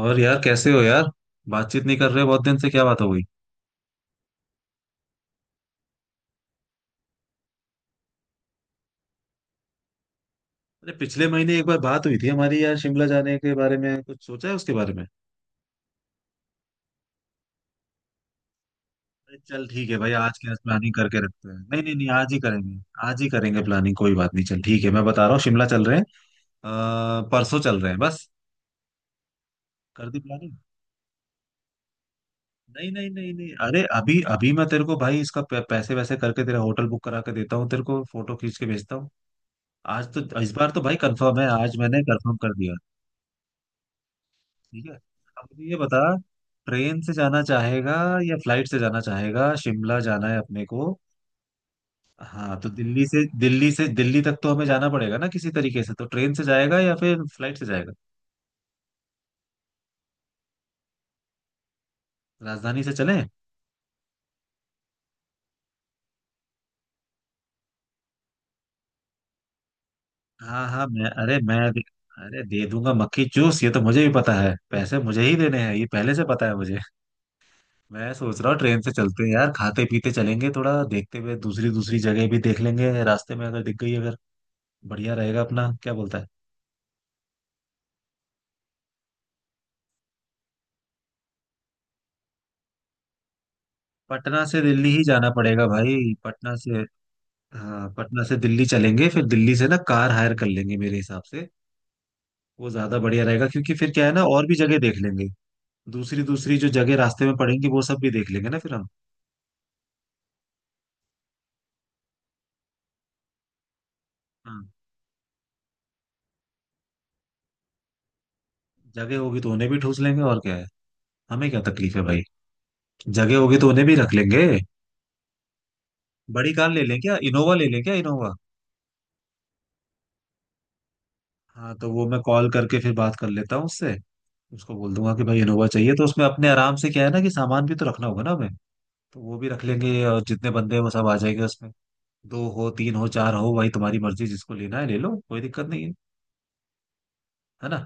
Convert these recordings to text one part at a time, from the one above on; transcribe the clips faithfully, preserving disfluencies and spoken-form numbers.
और यार कैसे हो यार। बातचीत नहीं कर रहे बहुत दिन से, क्या बात हो गई? अरे पिछले महीने एक बार बात हुई थी हमारी यार, शिमला जाने के बारे में कुछ सोचा है उसके बारे में? अरे चल ठीक है भाई, आज की आज प्लानिंग करके रखते हैं। नहीं नहीं नहीं, आज ही करेंगे। आज ही करेंगे प्लानिंग, कोई बात नहीं। चल ठीक है, मैं बता रहा हूँ शिमला चल रहे हैं। अ, परसों चल रहे हैं बस। कर दी प्लानिंग। नहीं नहीं नहीं नहीं, अरे अभी अभी मैं तेरे को भाई इसका प- पैसे वैसे करके तेरा होटल बुक करा के देता हूँ, तेरे को फोटो खींच के भेजता हूँ। आज तो, इस बार तो भाई कंफर्म है, आज मैंने कंफर्म कर दिया। ठीक है, अब मुझे ये बता, ट्रेन से जाना चाहेगा या फ्लाइट से जाना चाहेगा? शिमला जाना है अपने को। हाँ तो दिल्ली से, दिल्ली से दिल्ली तक तो हमें जाना पड़ेगा ना किसी तरीके से, तो ट्रेन से जाएगा या फिर फ्लाइट से जाएगा? राजधानी से चले। हाँ हाँ, मैं अरे मैं दे, अरे दे दूंगा, मक्खी चूस। ये तो मुझे भी पता है पैसे मुझे ही देने हैं, ये पहले से पता है मुझे। मैं सोच रहा हूँ ट्रेन से चलते हैं यार, खाते पीते चलेंगे, थोड़ा देखते हुए दूसरी दूसरी जगह भी देख लेंगे रास्ते में, अगर दिख गई अगर। बढ़िया रहेगा, अपना क्या बोलता है? पटना से दिल्ली ही जाना पड़ेगा भाई, पटना से। हाँ पटना से दिल्ली चलेंगे, फिर दिल्ली से ना कार हायर कर लेंगे मेरे हिसाब से। वो ज्यादा बढ़िया रहेगा, क्योंकि फिर क्या है ना, और भी जगह देख लेंगे। दूसरी दूसरी जो जगह रास्ते में पड़ेंगी वो सब भी देख लेंगे ना फिर हम। हाँ, जगह होगी तो उन्हें भी ठूस लेंगे, और क्या है। हमें क्या तकलीफ है भाई। जगह होगी तो उन्हें भी रख लेंगे। बड़ी कार ले लें क्या, इनोवा ले लें क्या, इनोवा। हाँ तो वो मैं कॉल करके फिर बात कर लेता हूँ उससे। उसको बोल दूंगा कि भाई इनोवा चाहिए, तो उसमें अपने आराम से, क्या है ना कि सामान भी तो रखना होगा ना हमें। तो वो भी रख लेंगे, और जितने बंदे हैं वो सब आ जाएंगे उसमें। दो हो, तीन हो, चार हो, भाई तुम्हारी मर्जी, जिसको लेना है ले लो, कोई दिक्कत नहीं है। है ना?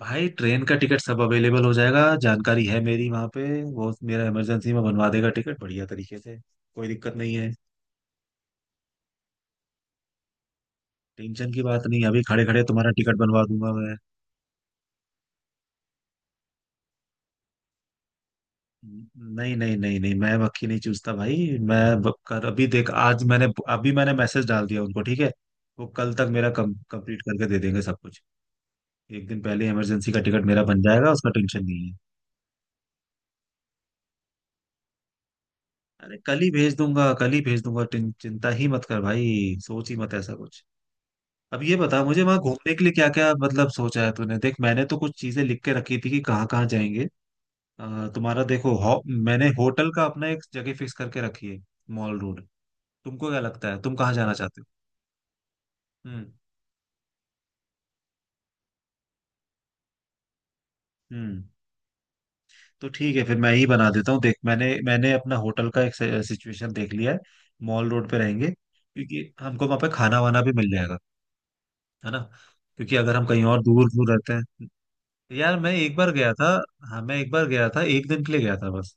भाई ट्रेन का टिकट सब अवेलेबल हो जाएगा, जानकारी है मेरी वहां पे। वो मेरा इमरजेंसी में बनवा देगा टिकट बढ़िया तरीके से। कोई दिक्कत नहीं है। टेंशन की बात नहीं, अभी खड़े खड़े तुम्हारा टिकट बनवा दूंगा मैं। नहीं नहीं नहीं नहीं, मैं मक्खी नहीं चूसता भाई। मैं ब- कर अभी देख, आज मैंने, अभी मैंने मैसेज डाल दिया उनको, ठीक है। वो कल तक मेरा कम कंप्लीट करके दे देंगे सब कुछ। एक दिन पहले इमरजेंसी का टिकट मेरा बन जाएगा, उसका टेंशन नहीं है। अरे कल ही भेज दूंगा, कल ही भेज दूंगा। टें- चिंता ही मत कर भाई। सोच ही मत ऐसा कुछ। अब ये बता मुझे, वहां घूमने के लिए क्या क्या मतलब सोचा है तूने? देख मैंने तो कुछ चीजें लिख के रखी थी कि कहाँ कहाँ जाएंगे। अ, तुम्हारा देखो हो, मैंने होटल का अपना एक जगह फिक्स करके रखी है। Mall Road. तुमको क्या लगता है, तुम कहाँ जाना चाहते हो? हम्म, हम्म। तो ठीक है, फिर मैं ही बना देता हूँ। देख, मैंने मैंने अपना होटल का एक सिचुएशन देख लिया है। मॉल रोड पे रहेंगे, क्योंकि हमको वहां पे खाना वाना भी मिल जाएगा। है ना? क्योंकि अगर हम कहीं और दूर दूर रहते हैं। यार मैं एक बार गया था। हाँ मैं एक बार गया था, एक दिन के लिए गया था बस।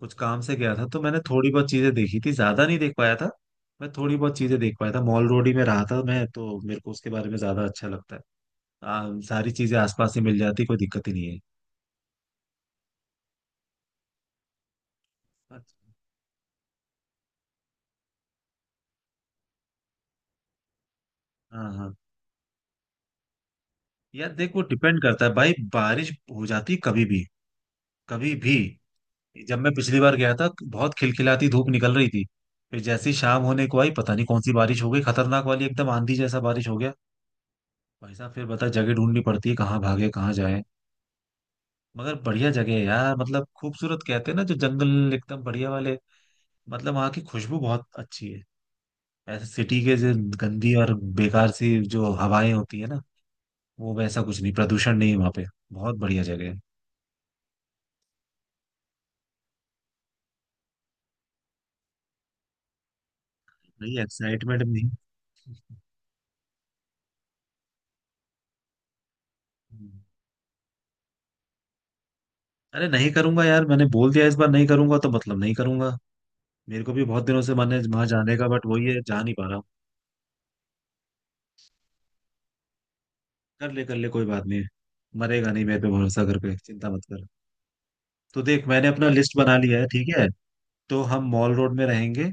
कुछ काम से गया था, तो मैंने थोड़ी बहुत चीजें देखी थी, ज्यादा नहीं देख पाया था। मैं थोड़ी बहुत चीजें देख पाया था। मॉल रोड ही में रहा था मैं, तो मेरे को उसके बारे में ज्यादा अच्छा लगता है। आ, सारी चीजें आसपास ही मिल जाती, कोई दिक्कत ही नहीं है। अच्छा। हाँ हाँ, यार देख, वो डिपेंड करता है भाई, बारिश हो जाती कभी भी। कभी भी। जब मैं पिछली बार गया था, बहुत खिलखिलाती धूप निकल रही थी। फिर जैसी शाम होने को आई, पता नहीं कौन सी बारिश हो गई, खतरनाक वाली, एकदम आंधी जैसा बारिश हो गया। भाई साहब फिर बता, जगह ढूंढनी पड़ती है, कहाँ भागे कहाँ जाए। मगर बढ़िया जगह है यार, मतलब खूबसूरत, कहते हैं ना जो जंगल एकदम बढ़िया वाले। मतलब वहाँ की खुशबू बहुत अच्छी है। ऐसे सिटी के जो गंदी और बेकार सी जो हवाएं होती है ना, वो वैसा कुछ नहीं, प्रदूषण नहीं वहाँ पे। बहुत बढ़िया जगह है। नहीं एक्साइटमेंट। हम्म। अरे नहीं करूंगा यार, मैंने बोल दिया इस बार नहीं करूंगा तो मतलब नहीं करूंगा। मेरे को भी बहुत दिनों से मन है वहां जाने का, बट वही है, जा नहीं पा रहा हूँ। कर ले कर ले, कोई बात नहीं। मरेगा नहीं मेरे पे भरोसा कर, पे चिंता मत कर। तो देख, मैंने अपना लिस्ट बना लिया है, ठीक है। तो हम मॉल रोड में रहेंगे।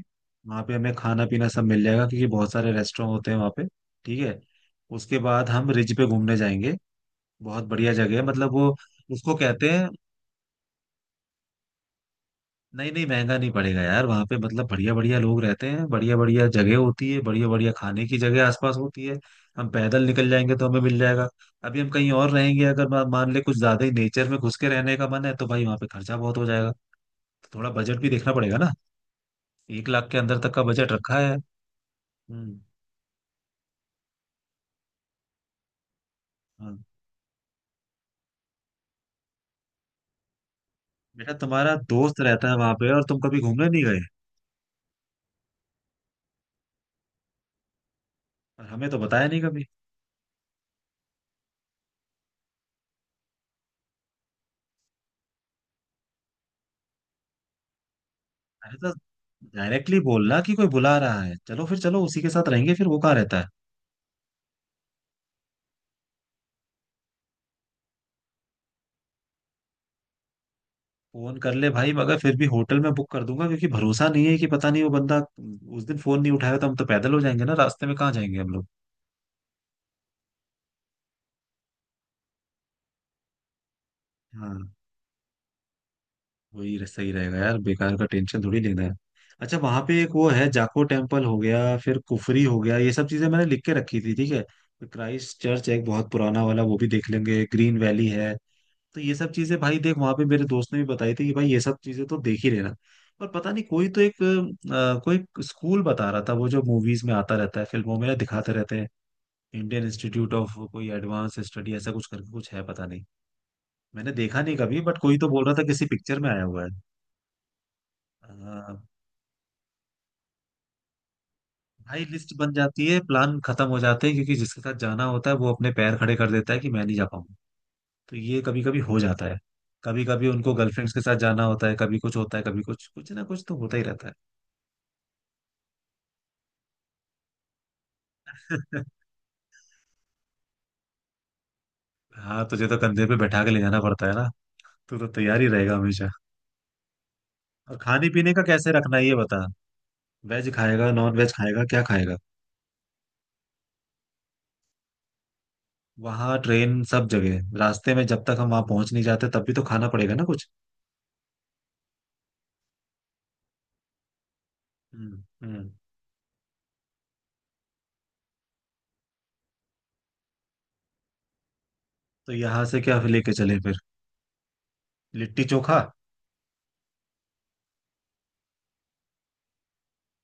वहां पे हमें खाना पीना सब मिल जाएगा, क्योंकि बहुत सारे रेस्टोरेंट होते हैं वहां पे। ठीक है। उसके बाद हम रिज पे घूमने जाएंगे। बहुत बढ़िया जगह है, मतलब वो उसको कहते हैं। नहीं नहीं, महंगा नहीं पड़ेगा यार। वहां पे मतलब बढ़िया बढ़िया लोग रहते हैं, बढ़िया बढ़िया जगह होती है, बढ़िया बढ़िया खाने की जगह आसपास होती है। हम पैदल निकल जाएंगे तो हमें मिल जाएगा। अभी हम कहीं और रहेंगे, अगर मा- मान ले कुछ ज्यादा ही नेचर में घुस के रहने का मन है, तो भाई वहां पे खर्चा बहुत हो जाएगा। तो थोड़ा बजट भी देखना पड़ेगा ना। एक लाख के अंदर तक का बजट रखा है। हम्म। हाँ। बेटा तुम्हारा दोस्त रहता है वहां पे, और तुम कभी घूमने नहीं गए? और हमें तो बताया नहीं कभी। अरे तो डायरेक्टली बोलना कि कोई बुला रहा है, चलो फिर चलो उसी के साथ रहेंगे। फिर वो कहाँ रहता है? फोन कर ले भाई, मगर फिर भी होटल में बुक कर दूंगा, क्योंकि भरोसा नहीं है कि पता नहीं वो बंदा उस दिन फोन नहीं उठाया तो हम तो पैदल हो जाएंगे ना, रास्ते में कहाँ जाएंगे हम लोग। हाँ, वही रह- सही रहेगा यार, बेकार का टेंशन थोड़ी लेना है। अच्छा वहां पे एक वो है, जाको टेम्पल हो गया, फिर कुफरी हो गया, ये सब चीजें मैंने लिख के रखी थी, ठीक है। फिर क्राइस्ट चर्च है एक बहुत पुराना वाला, वो भी देख लेंगे। ग्रीन वैली है। तो ये सब चीजें भाई, देख वहां पे मेरे दोस्त ने भी बताई थी कि भाई ये सब चीजें तो देख ही लेना। पर पता नहीं, कोई तो एक अ, कोई स्कूल बता रहा था, वो जो मूवीज में आता रहता है, फिल्मों में ना दिखाते रहते हैं। इंडियन इंस्टीट्यूट ऑफ कोई एडवांस स्टडी ऐसा कुछ करके कुछ है, पता नहीं। मैंने देखा नहीं कभी, बट कोई तो बोल रहा था किसी पिक्चर में आया हुआ है। अ, भाई लिस्ट बन जाती है, प्लान खत्म हो जाते हैं, क्योंकि जिसके साथ जाना होता है वो अपने पैर खड़े कर देता है कि मैं नहीं जा पाऊंगा। तो ये कभी कभी हो जाता है। कभी कभी उनको गर्लफ्रेंड्स के साथ जाना होता है, कभी कुछ होता है, कभी कुछ, कुछ ना कुछ तो होता ही रहता है। हाँ तुझे तो कंधे पे बैठा के ले जाना पड़ता है ना। तू तो तैयार ही रहेगा हमेशा। और खाने पीने का कैसे रखना है ये बता। वेज खाएगा, नॉन वेज खाएगा, क्या खाएगा? वहाँ, ट्रेन, सब जगह, रास्ते में जब तक हम वहाँ पहुंच नहीं जाते तब भी तो खाना पड़ेगा ना कुछ। हम्म, हम्म। तो यहाँ से क्या लेके चले फिर? लिट्टी चोखा।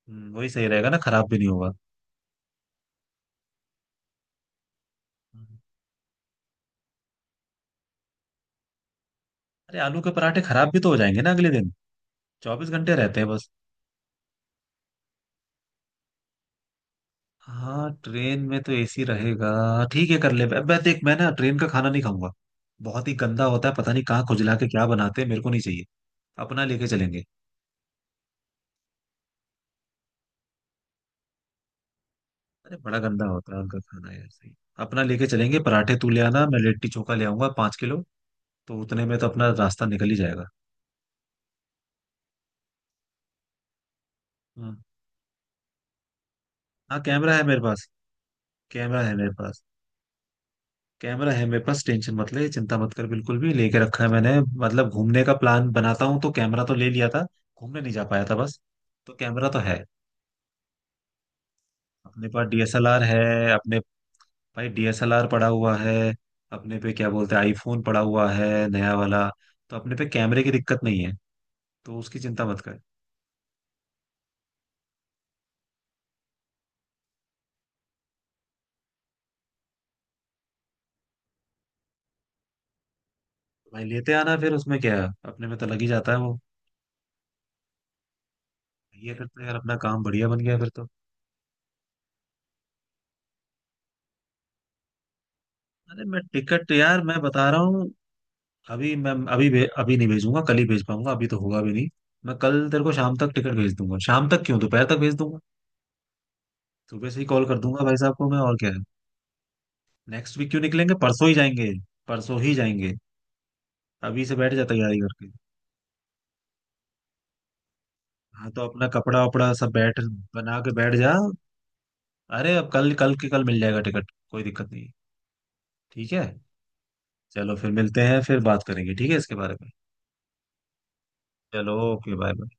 हम्म, वही सही रहेगा ना, खराब भी नहीं होगा। हम्म। अरे आलू के पराठे खराब भी तो हो जाएंगे ना अगले दिन। चौबीस घंटे रहते हैं बस। हाँ ट्रेन में तो एसी रहेगा। ठीक है कर ले। मैं मैं देख, मैं ना ट्रेन का खाना नहीं खाऊंगा। बहुत ही गंदा होता है, पता नहीं कहाँ खुजला के क्या बनाते हैं, मेरे को नहीं चाहिए। अपना लेके चलेंगे। अरे बड़ा गंदा होता है उनका खाना यार, सही। अपना लेके चलेंगे। पराठे तू ले आना, मैं लिट्टी चोखा ले आऊंगा पाँच किलो। तो उतने में तो अपना रास्ता निकल ही जाएगा। हाँ। हाँ कैमरा है मेरे पास। कैमरा है मेरे पास। कैमरा है मेरे पास, टेंशन मत ले, चिंता मत कर, बिल्कुल भी, लेके रखा है मैंने। मतलब घूमने का प्लान बनाता हूँ तो कैमरा तो ले लिया था। घूमने नहीं जा पाया था बस। तो कैमरा तो है। अपने पास डीएसएलआर है। अपने, भाई डीएसएलआर पड़ा हुआ है। अपने पे क्या बोलते हैं, आईफोन पड़ा हुआ है नया वाला। तो अपने पे कैमरे की दिक्कत नहीं है। तो उसकी चिंता मत कर। भाई लेते आना, फिर उसमें क्या है, अपने में तो लग ही जाता है वो। ये फिर तो यार अपना काम बढ़िया बन गया फिर तो। अरे मैं टिकट यार, मैं बता रहा हूँ। अभी मैं अभी भे, अभी नहीं भेजूंगा, कल ही भेज पाऊंगा, अभी तो होगा भी नहीं। मैं कल तेरे को शाम तक टिकट भेज दूंगा। शाम तक क्यों, दोपहर तक भेज दूंगा। सुबह से ही कॉल कर दूंगा भाई साहब को मैं, और क्या है। नेक्स्ट वीक क्यों निकलेंगे, परसों ही जाएंगे। परसों ही जाएंगे, अभी से बैठ जा तैयारी करके। हाँ तो अपना कपड़ा वपड़ा सब बैठ, बना के बैठ जा। अरे अब कल, कल के कल मिल जाएगा टिकट, कोई दिक्कत नहीं। ठीक है। चलो फिर मिलते हैं, फिर बात करेंगे ठीक है इसके बारे में। चलो ओके, बाय।